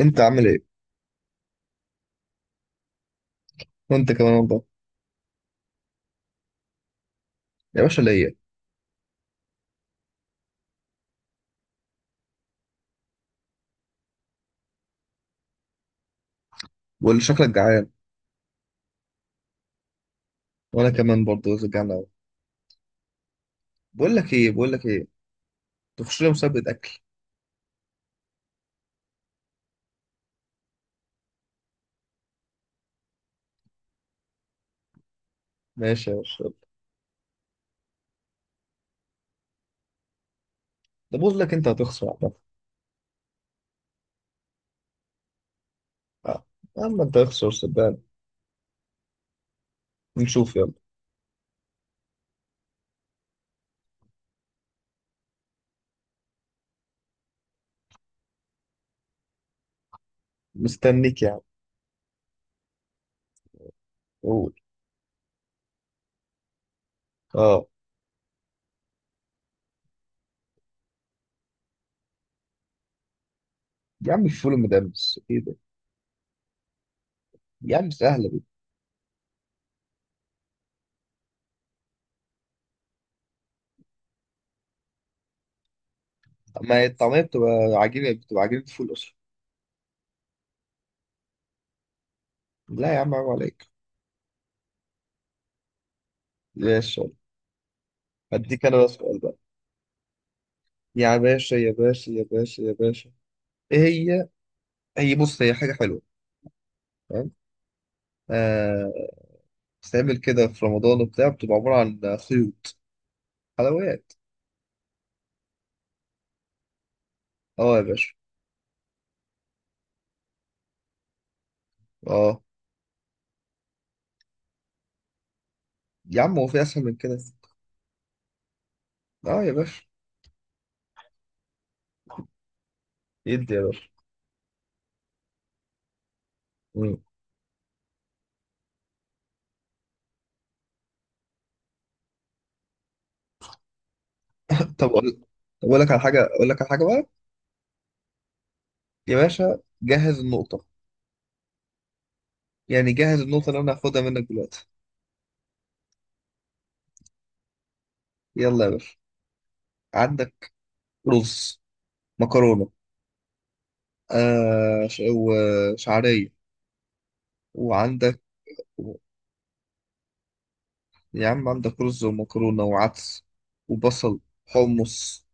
انت عامل ايه؟ وانت كمان والله. يا باشا ليا. واللي شكلك جعان. وانا كمان برضه جعان قوي. بقول لك ايه، تخش لي مسابقه اكل. ماشي يا باشا يلا. ده بقول لك انت هتخسر عامه. آه. يا عم انت هتخسر صدقني. نشوف يلا. مستنيك يا عم. قول. اه، يا عم الفول المدمس ايه ده. يا عم سهله دي. طب ما هي الطعميه بتبقى عجينه، بتبقى عجينه فول اصلا. لا يا عم عيب عليك. ماشي يلا. هديك انا بقى سؤال بقى. يا باشا يا باشا يا باشا يا باشا، ايه هي؟ هي بص، هي حاجه حلوه. آه. بتتعمل كده في رمضان وبتاع، بتبقى عبارة عن خيوط. حلويات. اه يا باشا. اه يا عم، هو في اسهل من كده؟ اه يا باشا. يدي يا باشا. مم. طب اقول. طب أقول لك على حاجة اقول لك على حاجة بقى. يا باشا جهز النقطة، يعني جهز النقطة اللي انا هاخدها منك دلوقتي. يلا يا باشا. عندك رز، مكرونة، وشعرية، وعندك. يا عم عندك رز ومكرونة وعدس وبصل، حمص.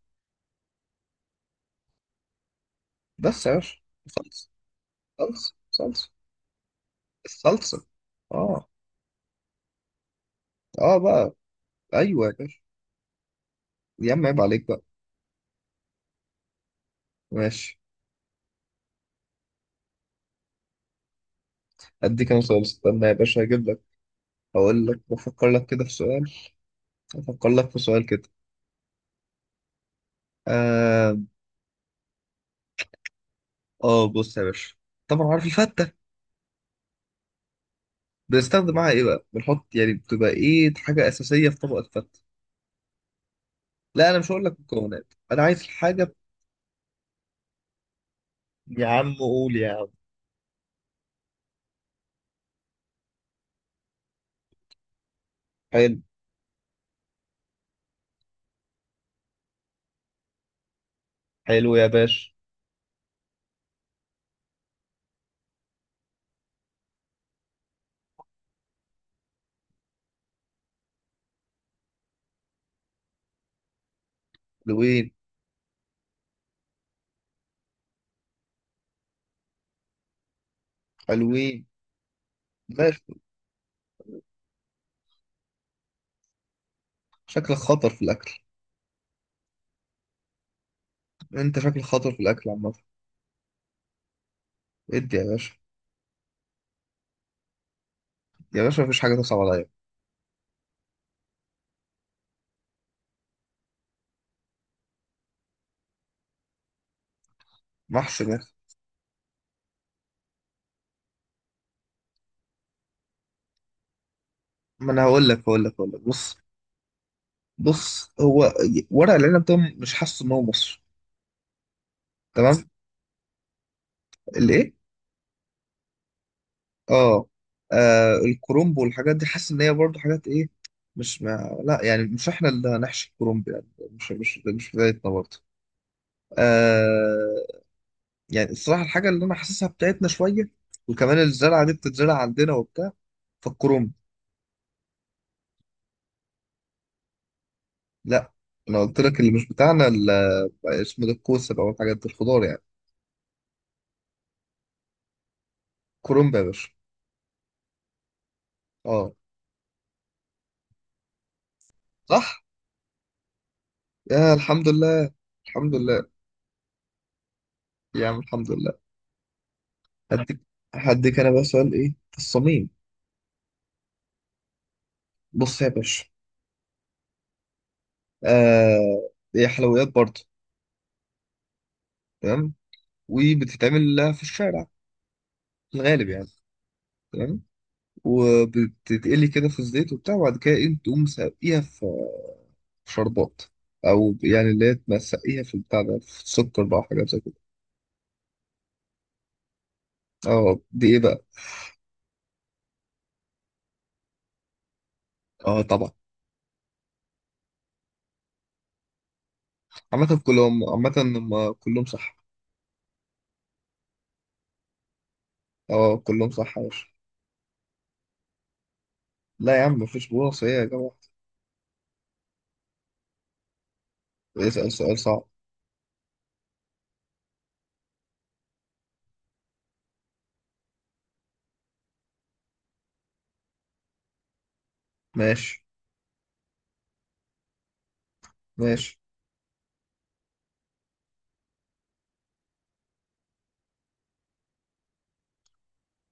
بس يا باشا، صلصة صلصة الصلصة. اه. اه بقى. ايوه يا باشا. يا عم عيب عليك بقى. ماشي. اديك انا سؤال، استنى يا باشا هجيب لك. هقول لك بفكر لك كده في سؤال. افكر لك في سؤال كده. آه، اه بص يا باشا، طبعا عارف الفتة؟ بنستخدم معاها ايه بقى، بنحط يعني بتبقى ايه حاجة اساسية في طبق الفتة؟ لا انا مش هقول لك مكونات، انا عايز حاجة. يا عم قول يا عم. حلو. حلو يا باشا. حلوين. حلوين. ماشي. شكلك خطر في الاكل. انت شكلك خطر في الاكل عامة. ادي يا باشا. يا باشا مفيش حاجة تصعب عليا. محسن يا أخي. ما أنا هقول لك بص. بص هو ورق العنب ده، مش حاسس إن هو مصر. تمام. الإيه؟ آه. آه، الكرومب والحاجات دي حاسس إن هي برضه حاجات إيه، مش ما لا يعني مش إحنا اللي هنحشي الكرومب، يعني مش بتاعتنا برضه. آه. يعني الصراحة الحاجة اللي أنا حاسسها بتاعتنا شوية، وكمان الزرعة دي بتتزرع عندنا وبتاع، فالكرومب. لا. أنا قلت لك اللي مش بتاعنا اسمه ده الكوسة بقى والحاجات دي الخضار يعني. كولومب يا باشا. اه. صح. يا الحمد لله. الحمد لله. يا عم الحمد لله. هديك، هديك انا بقى سؤال ايه في الصميم. بص يا باشا. آه، هي حلويات برضه. تمام. وبتتعمل لها في الشارع، في الغالب يعني. تمام. وبتتقلي كده في الزيت وبتاع، وبعد كده تقوم ساقيها في، في شربات. او يعني اللي هي تسقيها في البتاع ده، في السكر بقى وحاجات زي كده. اه دي ايه بقى؟ اه طبعا. عامة كلهم، عامة هم كلهم صح. اه كلهم صح يا باشا. لا يا عم مفيش بونص، ايه يا جماعة. اسأل سؤال صعب. ماشي. ماشي.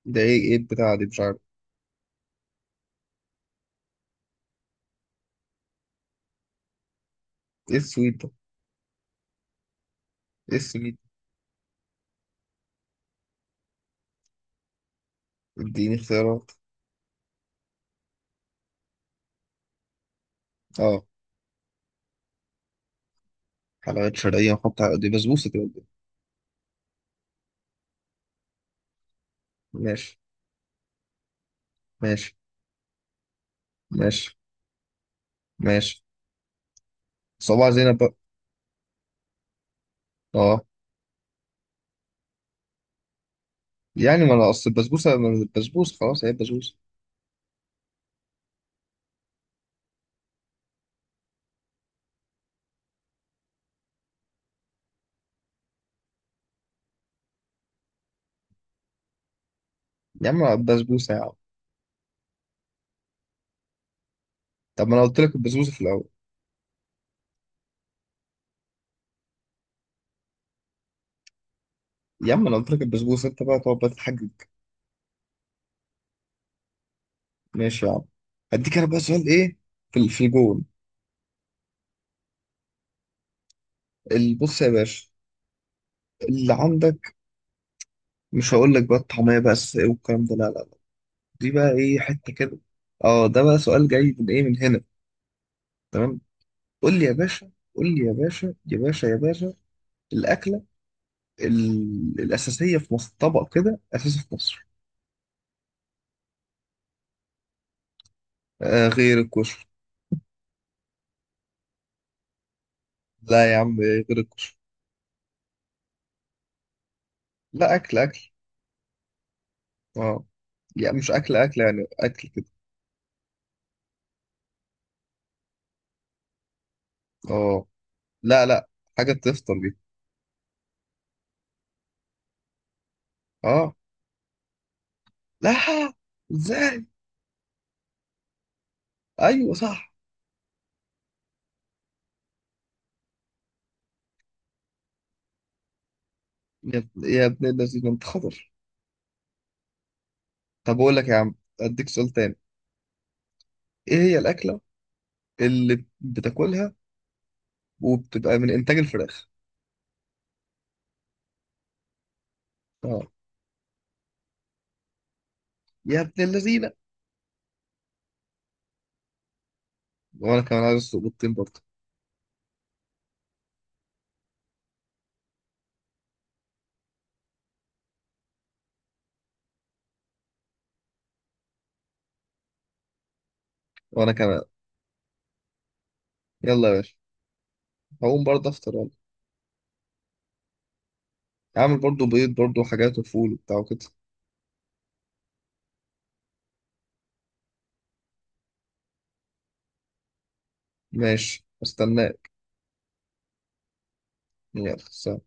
ده ايه، ايه البتاعة دي، مش عارف. ايه السويت ده؟ ايه السويت؟ اديني اختيارات. اه. حلويات شرقية نحط دي بسبوسة كده قدام. ماشي. ماشي. ماشي. ماشي، صباع زينب بقى. اه. يعني ما انا اصل البسبوسة ما أنا البسبوسة خلاص، هي البسبوسة. يا عم البسبوسة يا عم. طب ما انا قلت لك البسبوسة في الاول. يا عم انا قلت لك البسبوسة، انت بقى تقعد بقى تتحجج. ماشي يا عم. هديك انا بقى سؤال ايه في الجون. بص يا باشا، اللي عندك، مش هقول لك بقى الطعمية بقى الساقية والكلام ده، لا لا لا، دي بقى ايه حتة كده. اه ده بقى سؤال جاي من ايه، من هنا. تمام. قول لي يا باشا، قول لي يا باشا يا باشا يا باشا. الأكلة الأساسية في مصر، طبق كده أساسي في مصر. آه غير الكشري. لا يا عم، إيه غير الكشري. لا، أكل أكل. اه يعني مش أكل أكل يعني، أكل كده. اه. لا لا، حاجة تفطر بيها. اه. لا. ازاي؟ ايوه صح. يا ابن الذين انت خضر. طب أقول لك يا عم، أديك سؤال تاني. إيه هي الأكلة اللي بتاكلها وبتبقى من إنتاج الفراخ؟ أه. يا ابن اللذينة. وأنا كمان عايز أسلق بيضتين برضه. وأنا كمان. يلا يا باشا، هقوم برضه أفطر يلا. عامل برضه بيض برضه وحاجات وفول وبتاع وكده. ماشي استناك. يلا سلام.